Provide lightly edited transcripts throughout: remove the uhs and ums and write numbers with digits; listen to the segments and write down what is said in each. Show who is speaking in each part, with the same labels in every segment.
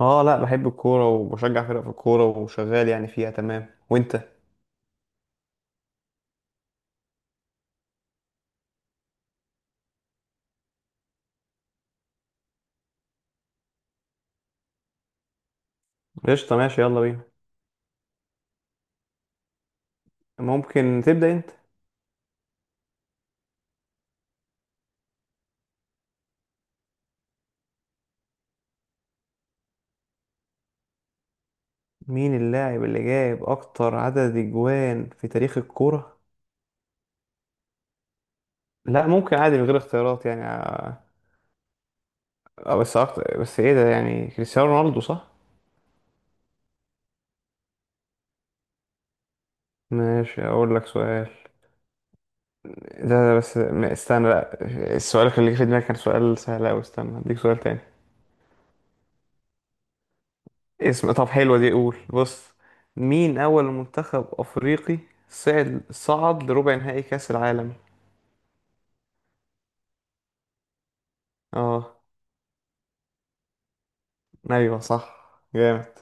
Speaker 1: اه، لا بحب الكورة وبشجع فرق في الكورة وشغال يعني فيها، تمام. وانت؟ قشطة، ماشي يلا بينا. ممكن تبدأ انت. مين اللاعب اللي جايب اكتر عدد اجوان في تاريخ الكورة؟ لا، ممكن عادي من غير اختيارات يعني بس أكتر، بس ايه ده يعني؟ كريستيانو رونالدو صح؟ ماشي اقول لك سؤال. ده بس استنى لا، السؤال اللي جه في دماغي كان سؤال سهل اوي، استنى هديك سؤال تاني. اسم، طب حلوة دي، قول بص. مين أول منتخب أفريقي صعد لربع نهائي كأس العالم؟ اه. أيوة صح. جامد.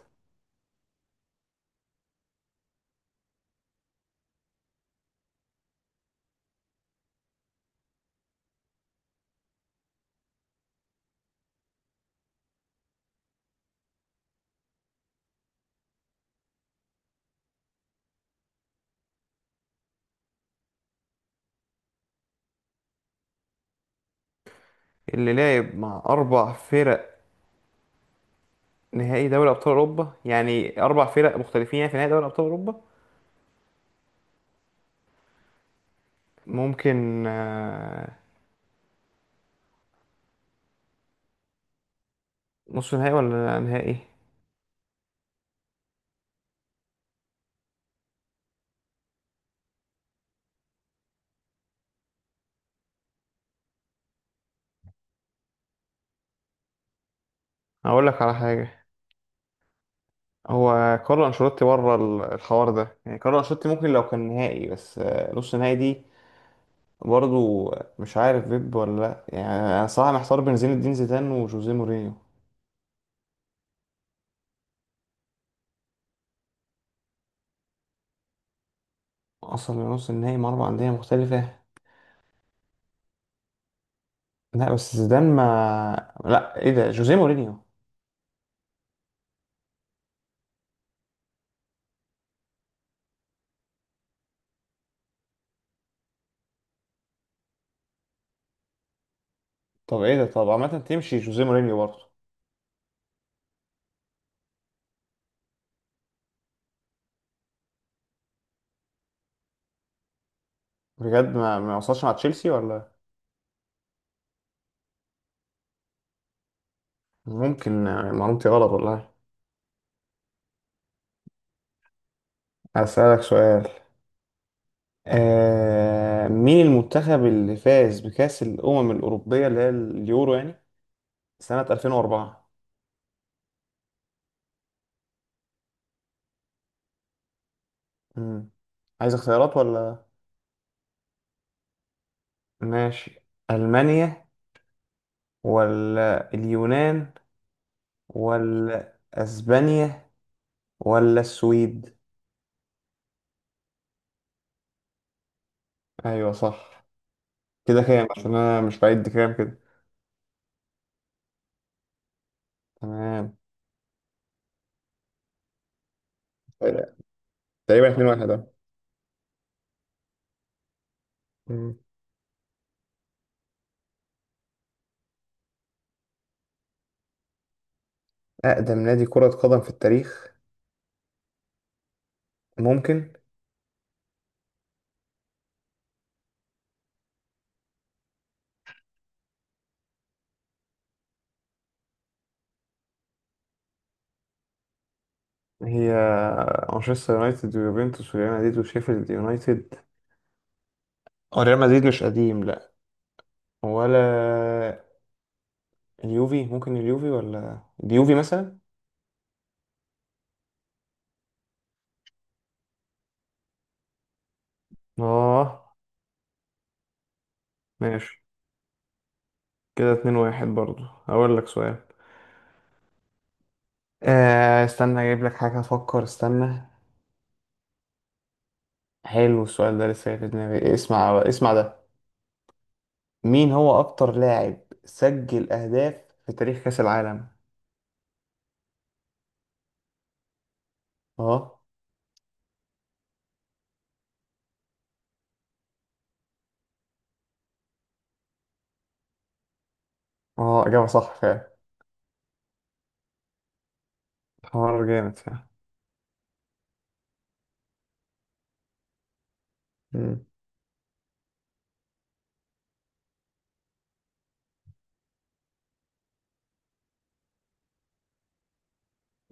Speaker 1: اللي لعب مع أربع فرق نهائي دوري أبطال أوروبا، يعني أربع فرق مختلفين يعني في نهائي دوري أبطال أوروبا. ممكن نص نهائي ولا نهائي؟ أقول لك على حاجة. هو كارلو أنشيلوتي بره الحوار ده، يعني كارلو أنشيلوتي ممكن لو كان نهائي، بس نص نهائي دي برضو مش عارف بيب ولا لا يعني، انا صراحه محتار بين زين الدين زيدان وجوزيه مورينيو. اصلا لنص النهائي مع اربع انديه مختلفه؟ لا بس زيدان ما لا ايه ده، جوزيه مورينيو. طب ايه ده، طب عامه تمشي جوزيه مورينيو برضه. بجد ما وصلش مع تشيلسي ولا؟ ممكن يعني، معلومتي غلط والله. هسألك سؤال. آه... مين المنتخب اللي فاز بكأس الأمم الأوروبية اللي هي اليورو يعني سنة 2004؟ مم. عايز اختيارات ولا؟ ماشي. ألمانيا، ولا اليونان، ولا أسبانيا، ولا السويد؟ أيوة صح. كده كام عشان أنا مش بعد كام كده؟ تمام. تقريبا 2 1 ده. مم. أقدم نادي كرة قدم في التاريخ؟ ممكن. هي مانشستر يونايتد ويوفنتوس وريال مدريد وشيفيلد يونايتد. هو ريال مدريد مش قديم، لأ. ولا اليوفي؟ ممكن اليوفي ولا؟ اليوفي مثلا. اه. ماشي كده، اتنين واحد برضو. هقول لك سؤال. آه، استنى اجيب لك حاجة افكر، استنى. حلو السؤال ده لسه في دماغي، اسمع اسمع ده. مين هو اكتر لاعب سجل اهداف في تاريخ كأس العالم؟ اه. اه، اجابة صح فعلا. حوار جامد فعلا. مم.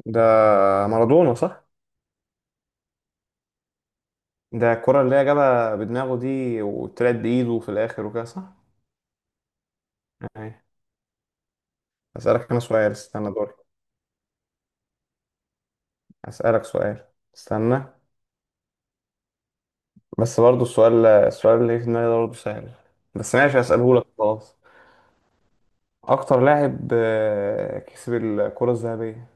Speaker 1: ده مارادونا صح؟ ده الكرة اللي هي جابها بدماغه دي وطلعت بإيده في الآخر وكده، صح. أي. أسألك أنا سؤال، استنى دوري. أسألك سؤال، استنى. بس برضه السؤال اللي في دماغي ده برضه سهل، بس ماشي هسأله لك خلاص. أكتر لاعب كسب الكرة الذهبية؟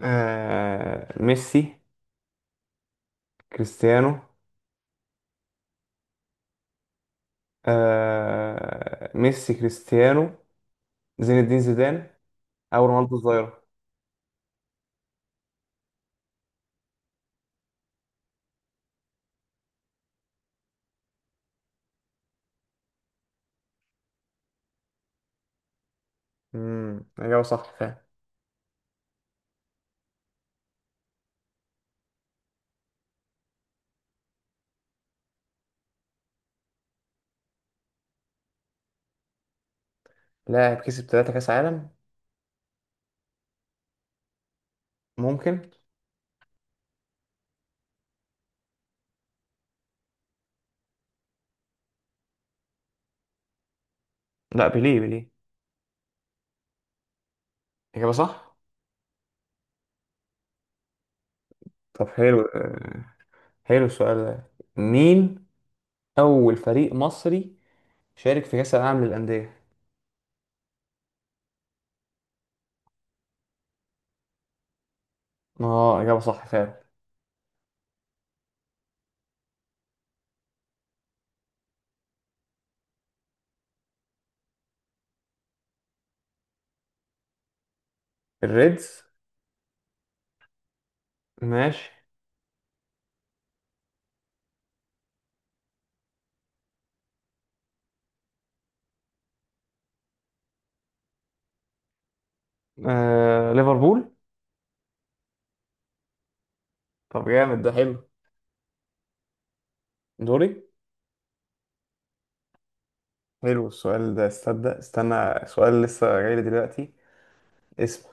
Speaker 1: ميسي، كريستيانو. ميسي، كريستيانو، زين الدين زيدان، أو رونالدو الظاهرة. امم، إجابة صح فعلا. لاعب كسب ثلاثة كأس عالم؟ ممكن. لا، بيليه. إجابة صح. طب حلو، حلو السؤال ده. مين أول فريق مصري شارك في كأس العالم للأندية؟ اه، إجابة صح فعلا. الريدز؟ ماشي. آه، ليفربول. طب جامد، ده حلو. دوري. حلو السؤال ده، استنى استنى سؤال لسه جاي لي دلوقتي. اسم،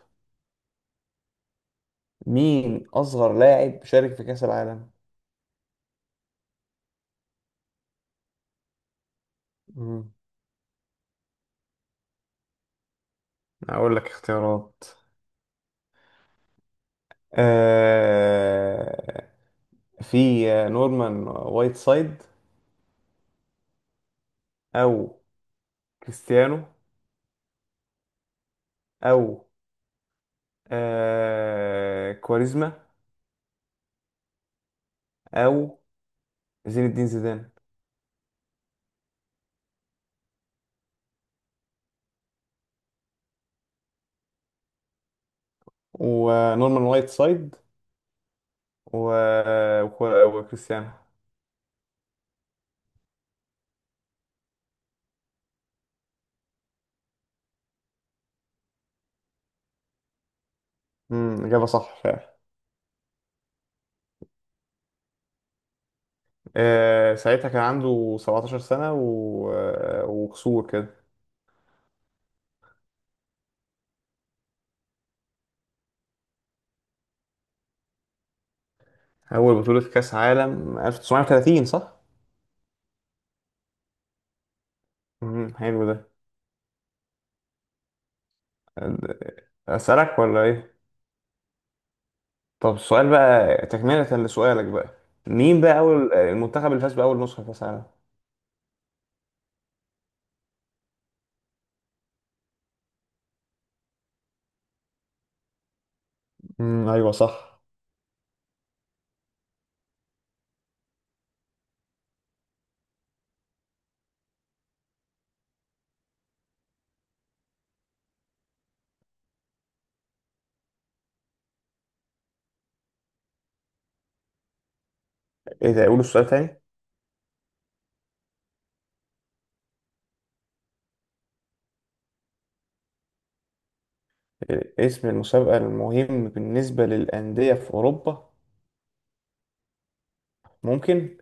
Speaker 1: مين أصغر لاعب شارك في كأس العالم؟ مم. أقول لك اختيارات. آه، في نورمان وايت سايد، أو كريستيانو، أو كواريزما، أو زين الدين زيدان. ونورمان وايت سايد، و... وكريستيانو. امم، إجابة صح فعلا. ساعتها كان عنده 17 سنة و... آه، وكسور كده. أول بطولة كأس عالم 1930 صح؟ امم، حلو ده. أسألك ولا إيه؟ طب السؤال بقى تكملة لسؤالك بقى. مين بقى أول المنتخب اللي فاز بأول نسخة كأس عالم؟ أيوه صح. إيه ده، أقول السؤال تاني؟ إيه، اسم المسابقة المهم بالنسبة للأندية في أوروبا؟ ممكن؟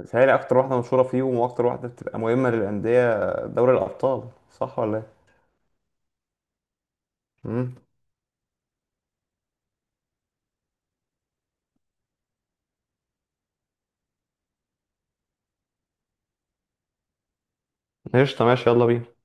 Speaker 1: متهيألي أكتر واحدة مشهورة فيهم وأكتر واحدة بتبقى مهمة للأندية دوري الأبطال، صح ولا إيه؟ مم. قشطة ماشي يلا بينا.